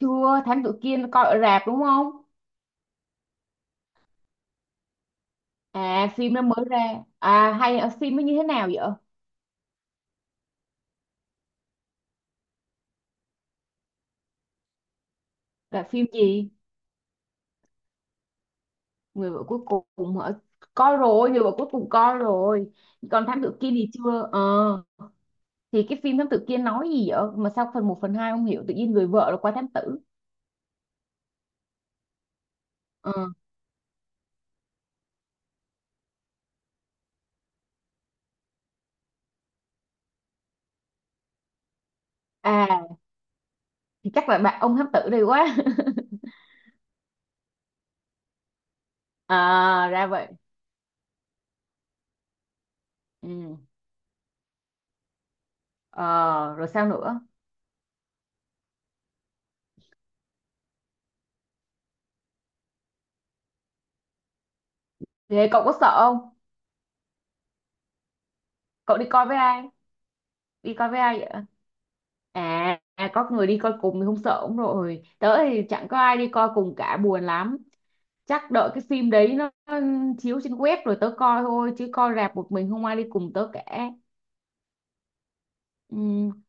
Chưa. Thám tử Kiên coi ở rạp đúng không? À, phim nó mới ra. À, hay ở phim nó như thế nào vậy? Là phim gì? Người vợ cuối cùng hả? Coi rồi. Người vợ cuối cùng coi rồi. Còn thám tử Kiên thì chưa thì cái phim thám tử Kiên nói gì vậy mà sao phần một phần 2 không hiểu tự nhiên người vợ là qua thám tử? Ờ. À, thì chắc là bạn ông thám tử đây quá. À, ra vậy. Ừ. Ờ, rồi sao nữa? Thế cậu có sợ không? Cậu đi coi với ai? Đi coi với ai vậy? À, à, có người đi coi cùng thì không sợ cũng rồi. Tớ thì chẳng có ai đi coi cùng cả buồn lắm. Chắc đợi cái phim đấy nó chiếu trên web rồi tớ coi thôi chứ coi rạp một mình không ai đi cùng tớ cả. Ừm,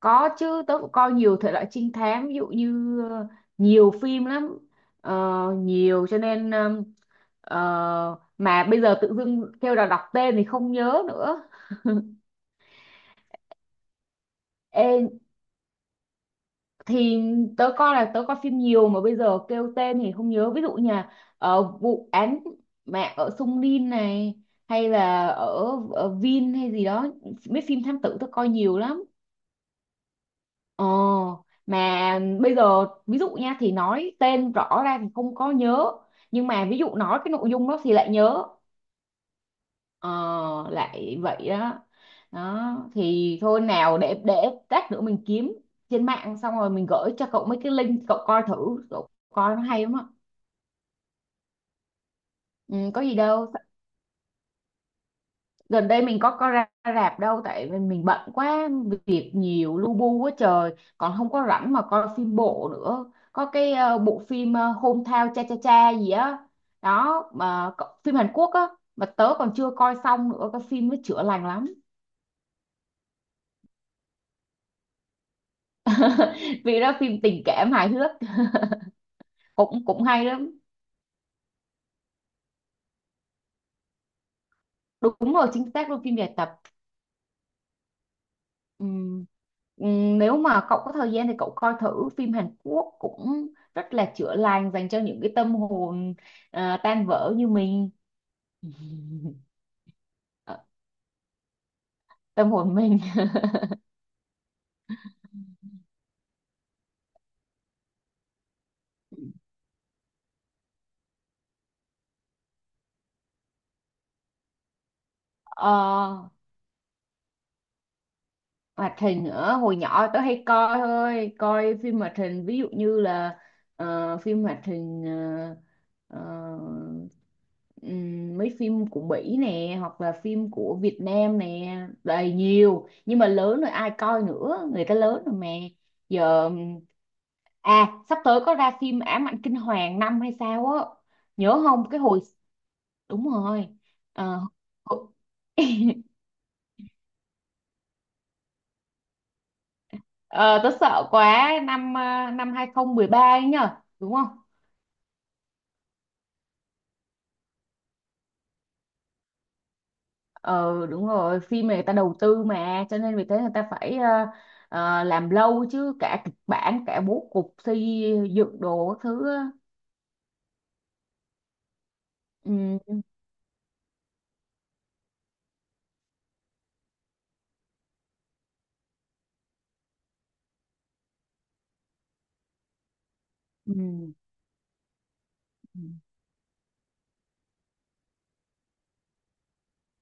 có chứ tớ cũng coi nhiều thể loại trinh thám ví dụ như nhiều phim lắm. Ờ, Nhiều cho nên mà bây giờ tự dưng kêu là đọc tên thì không nhớ nữa. Ê thì tớ coi phim nhiều mà bây giờ kêu tên thì không nhớ ví dụ như là vụ án mạng ở Sung Rin này hay là ở Vin hay gì đó mấy phim thám tử tớ coi nhiều lắm ờ mà bây giờ ví dụ nha thì nói tên rõ ra thì không có nhớ nhưng mà ví dụ nói cái nội dung đó thì lại nhớ. Ờ, Lại vậy đó. Đó thì thôi nào để lát nữa mình kiếm trên mạng xong rồi mình gửi cho cậu mấy cái link cậu coi thử cậu coi nó hay lắm á. Ừ, có gì đâu. Gần đây mình có ra rạp đâu tại vì mình bận quá việc nhiều lu bu quá trời còn không có rảnh mà coi phim bộ nữa. Có cái bộ phim Hometown Cha Cha Cha gì á đó phim Hàn Quốc á mà tớ còn chưa coi xong nữa cái phim nó chữa lành lắm. Vì đó phim tình cảm hài hước. Cũng cũng hay lắm. Đúng rồi chính xác luôn phim dài tập. Ừm, Nếu mà cậu có thời gian thì cậu coi thử phim Hàn Quốc cũng rất là chữa lành dành cho những cái tâm hồn tan vỡ như mình. Ờ, Tâm hồn mình. Ờ, Hoạt hình nữa hồi nhỏ tớ hay coi thôi coi phim hoạt hình ví dụ như là phim hoạt hình ờ, mấy phim của Mỹ nè hoặc là phim của Việt Nam nè đầy nhiều nhưng mà lớn rồi ai coi nữa người ta lớn rồi mà giờ. À, sắp tới có ra phim Ám ảnh kinh hoàng năm hay sao á. Nhớ không cái hồi? Đúng rồi. Ờ. Ờ, Tớ sợ quá năm 2013 ấy nhở đúng không? Ờ Đúng rồi phim này người ta đầu tư mà cho nên vì thế người ta phải làm lâu chứ cả kịch bản cả bố cục xây dựng đồ các thứ á. Ừ, ừ, ừ.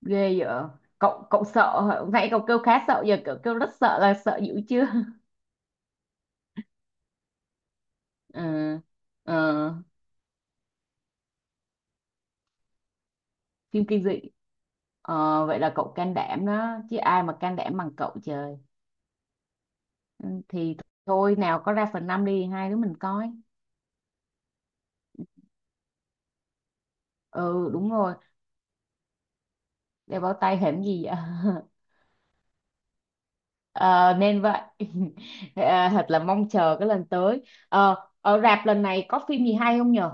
Ghê vậy. Cậu cậu sợ hả? Nãy cậu kêu khá sợ giờ cậu kêu rất sợ là sợ dữ chưa? ờ ờ, Phim kinh dị. Vậy là cậu can đảm đó chứ ai mà can đảm bằng cậu trời. Ừ, thì thôi nào có ra phần 5 đi hai đứa mình coi. Ừ, đúng rồi. Đeo bao tay hẻm gì vậy? Ờ, Nên vậy. À, thật là mong chờ cái lần tới. Ở rạp lần này có phim gì hay không nhờ?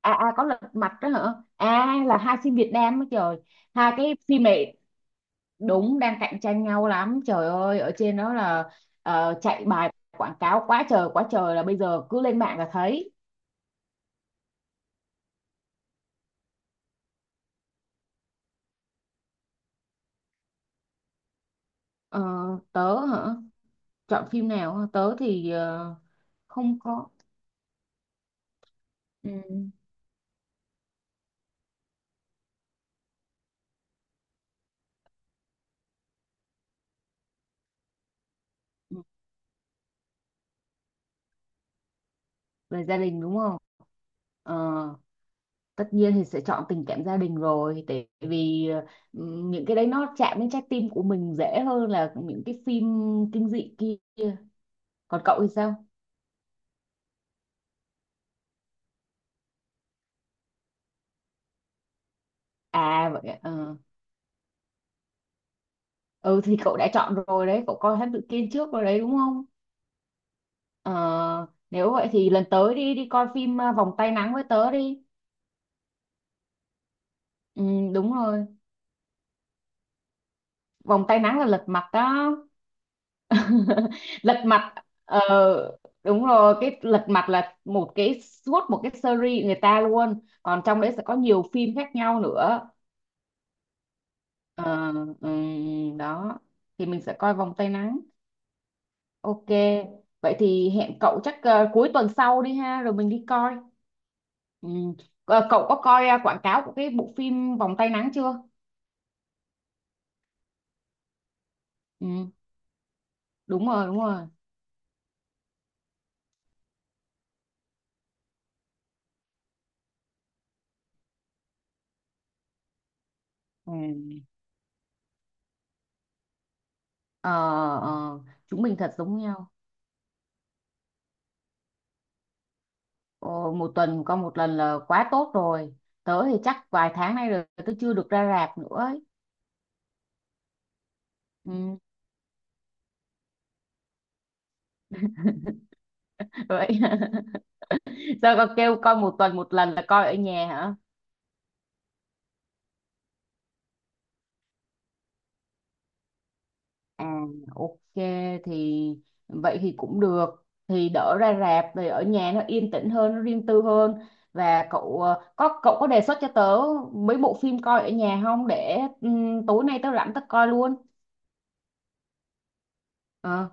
À, à, có lật mặt đó hả? À, là hai phim Việt Nam đó trời. Hai cái phim này đúng đang cạnh tranh nhau lắm trời ơi ở trên đó là chạy bài quảng cáo quá trời là bây giờ cứ lên mạng là thấy. Ờ, Tớ hả? Chọn phim nào hả? Tớ thì không có. Ừ. Ừ, về gia đình đúng không? ờ, Tất nhiên thì sẽ chọn tình cảm gia đình rồi tại vì ừ, những cái đấy nó chạm đến trái tim của mình dễ hơn là những cái phim kinh dị kia. Còn cậu thì sao? À vậy ạ, ờ. Ừ, thì cậu đã chọn rồi đấy cậu coi Thám Tử Kiên trước rồi đấy đúng không? Ờ, Nếu vậy thì lần tới đi đi coi phim Vòng Tay Nắng với tớ đi. Ừ, đúng rồi. Vòng Tay Nắng là lật mặt đó. Lật mặt. ờ, Đúng rồi cái lật mặt là một cái suốt một cái series người ta luôn còn trong đấy sẽ có nhiều phim khác nhau nữa. Ờ, Đó thì mình sẽ coi vòng tay nắng. Ok. Vậy thì hẹn cậu chắc cuối tuần sau đi ha rồi mình đi coi. Ừm. Cậu có coi quảng cáo của cái bộ phim vòng tay nắng chưa? Ừm, đúng rồi đúng rồi. Ừm. Ờ, ờ, Chúng mình thật giống nhau. Ồ, một tuần coi một lần là quá tốt rồi. Tớ thì chắc vài tháng nay rồi tớ chưa được ra rạp nữa ấy. Ừ. Vậy, sao con kêu coi một tuần một lần là coi ở nhà hả? À, ok. Thì vậy thì cũng được thì đỡ ra rạp thì ở nhà nó yên tĩnh hơn nó riêng tư hơn. Và cậu có đề xuất cho tớ mấy bộ phim coi ở nhà không để tối nay tớ rảnh tớ coi luôn. Ờ,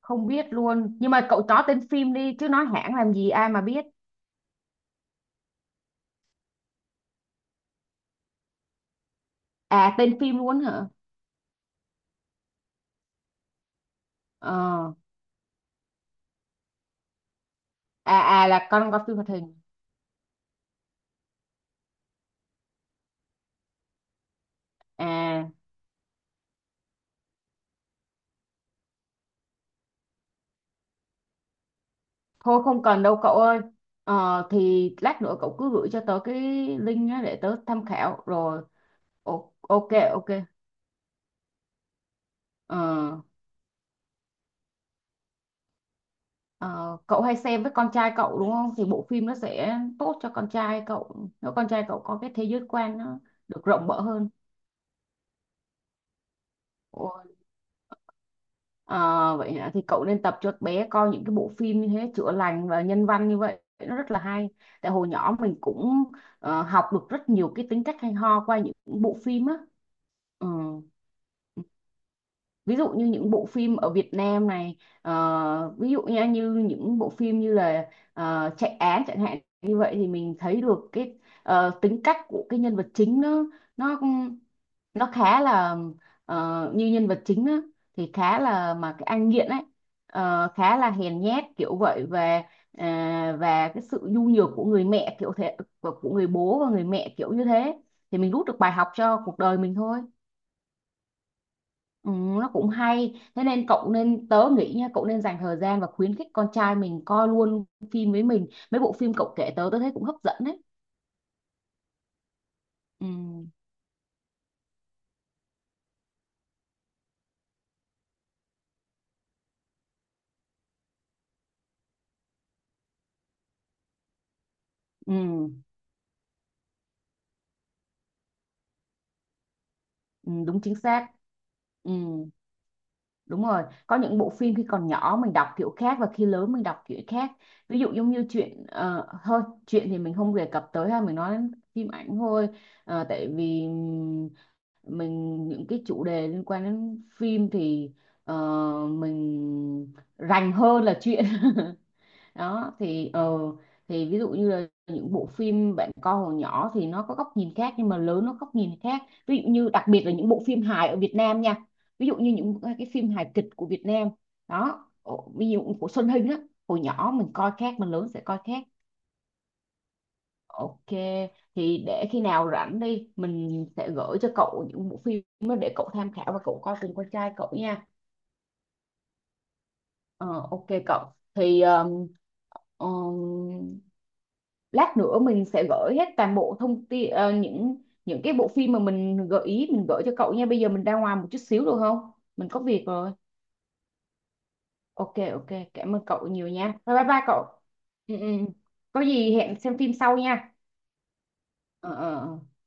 Không biết luôn nhưng mà cậu chó tên phim đi chứ nói hãng làm gì ai mà biết. À, tên phim luôn hả? Ờ. À, à, là con coi phim hoạt hình. À, thôi không cần đâu cậu ơi. Thì lát nữa cậu cứ gửi cho tớ cái link á để tớ tham khảo rồi. O, ok ok. Ờ, ờ, Cậu hay xem với con trai cậu đúng không? Thì bộ phim nó sẽ tốt cho con trai cậu. Nếu con trai cậu có cái thế giới quan nó được rộng mở hơn. Ờ, Vậy hả? Thì cậu nên tập cho bé coi những cái bộ phim như thế chữa lành và nhân văn như vậy nó rất là hay. Tại hồi nhỏ mình cũng học được rất nhiều cái tính cách hay ho qua những bộ phim á. Ừ, ví dụ như những bộ phim ở Việt Nam này ví dụ nha như những bộ phim như là chạy án chẳng hạn như vậy thì mình thấy được cái tính cách của cái nhân vật chính nó nó khá là như nhân vật chính á, thì khá là mà cái anh nghiện ấy khá là hèn nhát kiểu vậy và cái sự nhu nhược của người mẹ kiểu thế của người bố và người mẹ kiểu như thế thì mình rút được bài học cho cuộc đời mình thôi. Ừ, nó cũng hay thế nên cậu nên tớ nghĩ nha cậu nên dành thời gian và khuyến khích con trai mình coi luôn phim với mình mấy bộ phim cậu kể tớ tớ thấy cũng hấp dẫn đấy. Ừ, ừ, ừ, đúng chính xác. Ừ, đúng rồi có những bộ phim khi còn nhỏ mình đọc kiểu khác và khi lớn mình đọc kiểu khác. Ví dụ giống như chuyện thôi chuyện thì mình không đề cập tới ha mình nói đến phim ảnh thôi. Tại vì mình những cái chủ đề liên quan đến phim thì ờ, mình rành hơn là chuyện. Đó thì ví dụ như là những bộ phim bạn coi hồi nhỏ thì nó có góc nhìn khác nhưng mà lớn nó góc nhìn khác. Ví dụ như đặc biệt là những bộ phim hài ở Việt Nam nha ví dụ như những cái phim hài kịch của Việt Nam đó ví dụ của Xuân Hinh á hồi nhỏ mình coi khác mình lớn sẽ coi khác. Ok, thì để khi nào rảnh đi, mình sẽ gửi cho cậu những bộ phim đó để cậu tham khảo và cậu coi cùng con trai cậu nha. Ờ, ok cậu, thì um, lát nữa mình sẽ gửi hết toàn bộ thông tin những cái bộ phim mà mình gợi ý mình gửi cho cậu nha. Bây giờ mình ra ngoài một chút xíu được không? Mình có việc rồi. Ok, ok, cảm ơn cậu nhiều nha. Bye bye bye cậu. Ừ, ừ. Có gì hẹn xem phim sau nha. Ờ, ờ, ờ.